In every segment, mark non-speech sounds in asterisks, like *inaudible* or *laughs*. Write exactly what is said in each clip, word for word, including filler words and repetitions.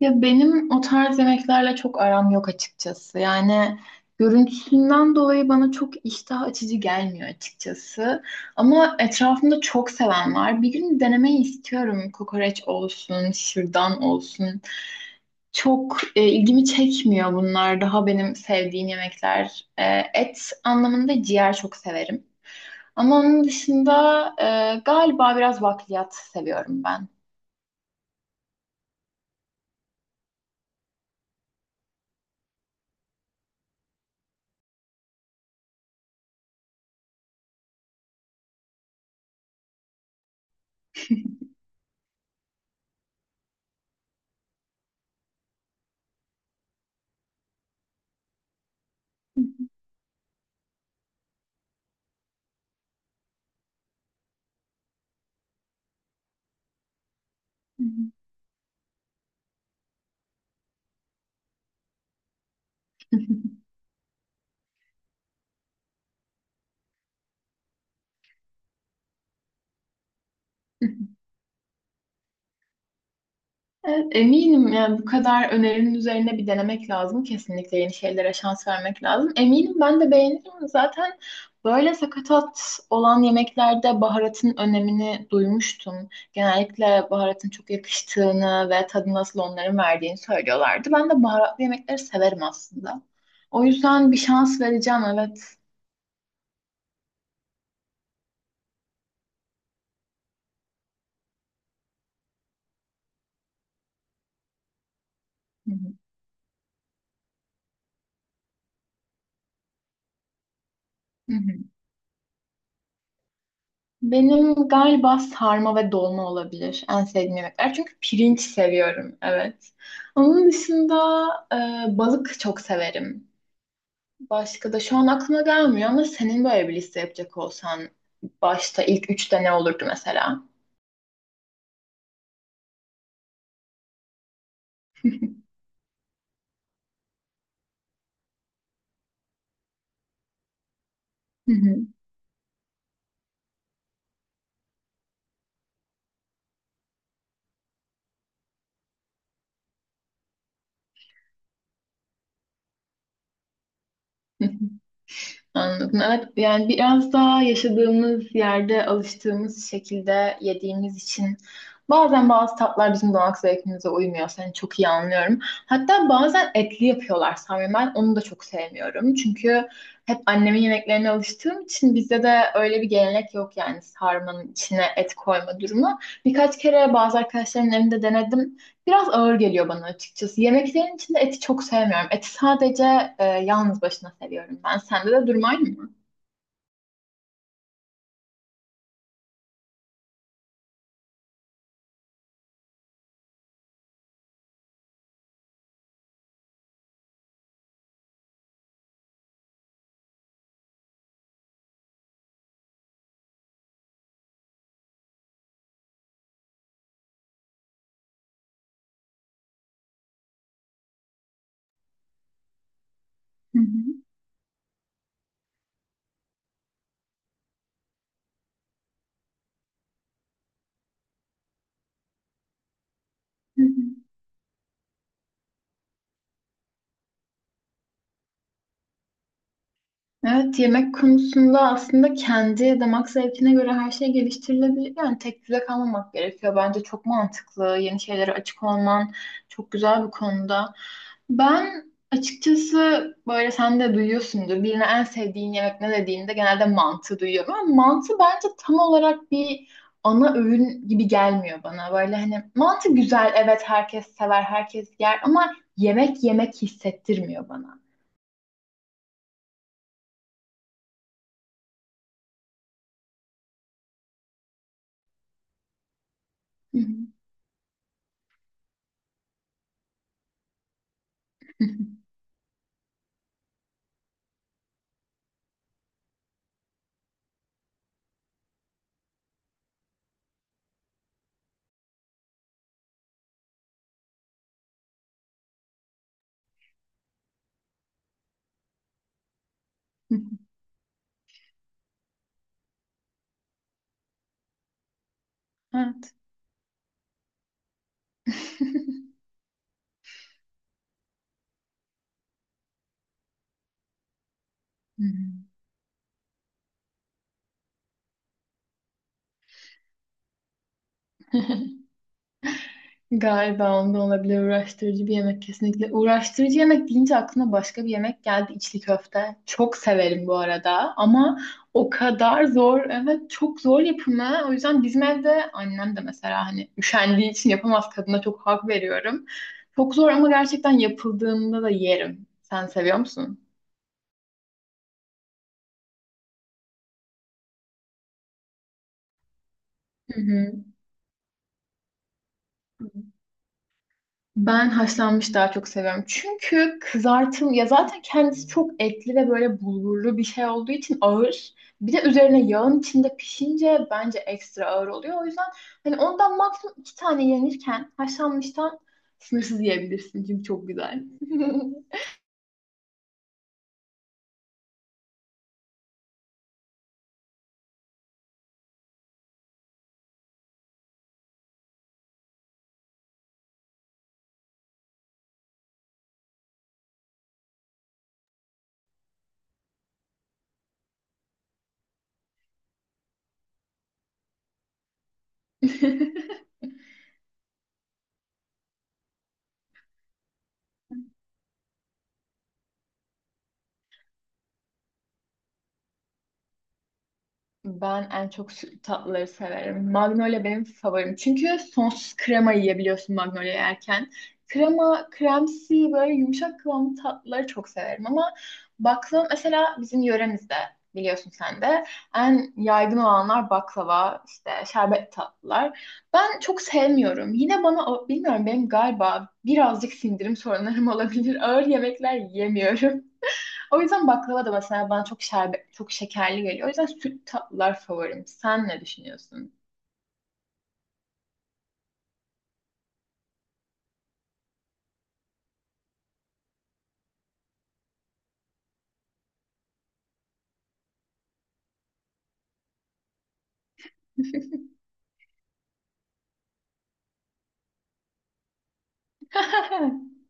Ya benim o tarz yemeklerle çok aram yok açıkçası. Yani görüntüsünden dolayı bana çok iştah açıcı gelmiyor açıkçası. Ama etrafımda çok seven var. Bir gün denemeyi istiyorum. Kokoreç olsun, şırdan olsun. Çok e, ilgimi çekmiyor bunlar. Daha benim sevdiğim yemekler. E, et anlamında ciğer çok severim. Ama onun dışında e, galiba biraz bakliyat seviyorum ben. *laughs* Evet, eminim yani bu kadar önerinin üzerine bir denemek lazım. Kesinlikle yeni şeylere şans vermek lazım. Eminim ben de beğenirim. Zaten böyle sakatat olan yemeklerde baharatın önemini duymuştum. Genellikle baharatın çok yakıştığını ve tadı nasıl onların verdiğini söylüyorlardı. Ben de baharatlı yemekleri severim aslında. O yüzden bir şans vereceğim, evet. Hı hı. Hı hı. Benim galiba sarma ve dolma olabilir en sevdiğim yemekler. Çünkü pirinç seviyorum, evet. Onun dışında e, balık çok severim. Başka da şu an aklıma gelmiyor ama senin böyle bir liste yapacak olsan başta ilk üçte ne olurdu mesela? Hı hı. Anladım. Evet, yani biraz daha yaşadığımız yerde alıştığımız şekilde yediğimiz için bazen bazı tatlar bizim damak zevkimize uymuyor. Seni çok iyi anlıyorum. Hatta bazen etli yapıyorlar sanırım. Ben onu da çok sevmiyorum. Çünkü hep annemin yemeklerine alıştığım için bizde de öyle bir gelenek yok yani sarmanın içine et koyma durumu. Birkaç kere bazı arkadaşlarımın evinde denedim. Biraz ağır geliyor bana açıkçası. Yemeklerin içinde eti çok sevmiyorum. Eti sadece e, yalnız başına seviyorum ben. Sende de durum aynı mı? Hı hı. Hı hı. Evet, yemek konusunda aslında kendi damak zevkine göre her şey geliştirilebilir. Yani tek düze kalmamak gerekiyor. Bence çok mantıklı. Yeni şeylere açık olman çok güzel bir konuda. Ben açıkçası böyle sen de duyuyorsundur. Birine en sevdiğin yemek ne dediğinde genelde mantı duyuyorum. Ama mantı bence tam olarak bir ana öğün gibi gelmiyor bana. Böyle hani mantı güzel, evet herkes sever, herkes yer ama yemek yemek hissettirmiyor bana. *laughs* *laughs* Hı hı. *laughs* Galiba onda olabilir, uğraştırıcı bir yemek kesinlikle. Uğraştırıcı yemek deyince aklıma başka bir yemek geldi: içli köfte. Çok severim bu arada ama o kadar zor, evet çok zor yapımı. O yüzden bizim evde annem de mesela hani üşendiği için yapamaz, kadına çok hak veriyorum. Çok zor ama gerçekten yapıldığında da yerim. Sen seviyor musun? Hı hı. Ben haşlanmış daha çok seviyorum. Çünkü kızartım ya zaten kendisi çok etli ve böyle bulgurlu bir şey olduğu için ağır. Bir de üzerine yağın içinde pişince bence ekstra ağır oluyor. O yüzden hani ondan maksimum iki tane yenirken haşlanmıştan sınırsız yiyebilirsin. Çünkü çok güzel. *laughs* Ben en çok sü- tatlıları severim. Magnolia benim favorim. Çünkü sonsuz krema yiyebiliyorsun Magnolia yerken. Krema, kremsi böyle yumuşak kıvamlı tatlıları çok severim. Ama baklava mesela bizim yöremizde biliyorsun sen de. En yaygın olanlar baklava, işte şerbet tatlılar. Ben çok sevmiyorum. Yine bana, o- bilmiyorum benim galiba birazcık sindirim sorunlarım *laughs* olabilir. Ağır yemekler yiyemiyorum. O yüzden baklava da mesela bana çok şerbet, çok şekerli geliyor. O yüzden süt tatlılar favorim. Sen ne düşünüyorsun? *laughs*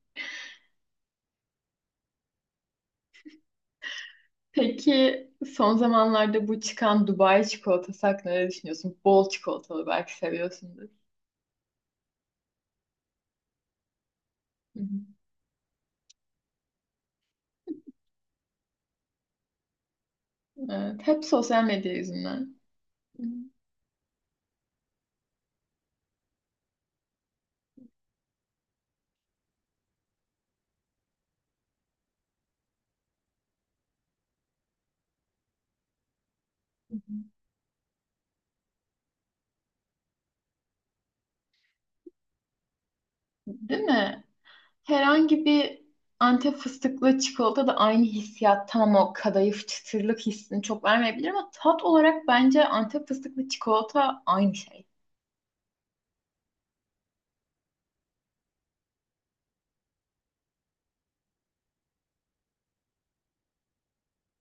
Peki son zamanlarda bu çıkan Dubai çikolatası hakkında ne düşünüyorsun? Bol çikolatalı, belki seviyorsundur. Hı hı. Evet, hep sosyal medya yüzünden. Hı hı. Hı hı. Değil mi? Herhangi bir Antep fıstıklı çikolata da aynı hissiyat. Tamam, o kadayıf çıtırlık hissini çok vermeyebilir ama tat olarak bence Antep fıstıklı çikolata aynı şey.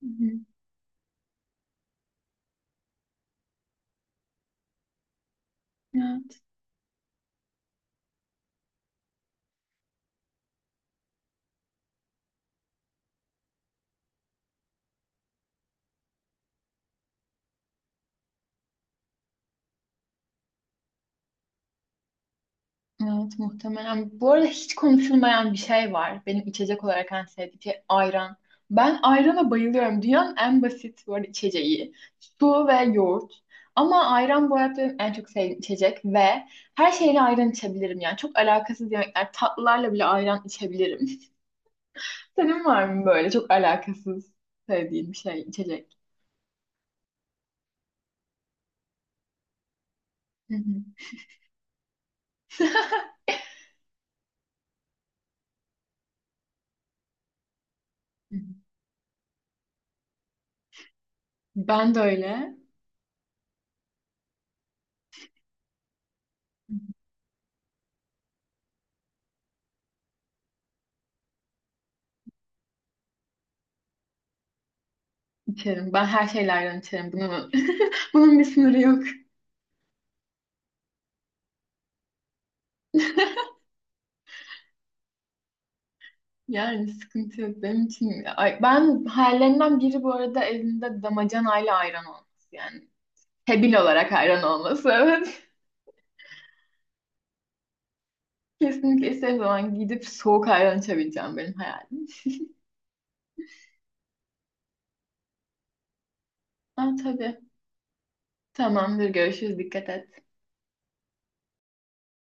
Hı hı. Evet. Evet, muhtemelen. Bu arada hiç konuşulmayan bir şey var. Benim içecek olarak en sevdiğim şey ayran. Ben ayrana bayılıyorum. Dünyanın en basit bu arada içeceği. Su ve yoğurt. Ama ayran bu hayatta benim en çok sevdiğim içecek ve her şeyle ayran içebilirim yani. Çok alakasız yemekler. Tatlılarla bile ayran içebilirim. *laughs* Senin var mı böyle çok alakasız sevdiğin bir şey, içecek? Hı hı. *laughs* Ben de öyle içerim. Ben her şeyle ayran içerim. Bunun, *laughs* bunun bir sınırı yok. Yani sıkıntı yok benim için. Ay, ben hayallerimden biri bu arada evimde damacanayla ayran olması yani. Tebil olarak ayran olması *laughs* evet. Kesinlikle istediğim zaman gidip soğuk ayran içebileceğim, benim hayalim. Ha, tabii. Tamamdır, görüşürüz, dikkat et.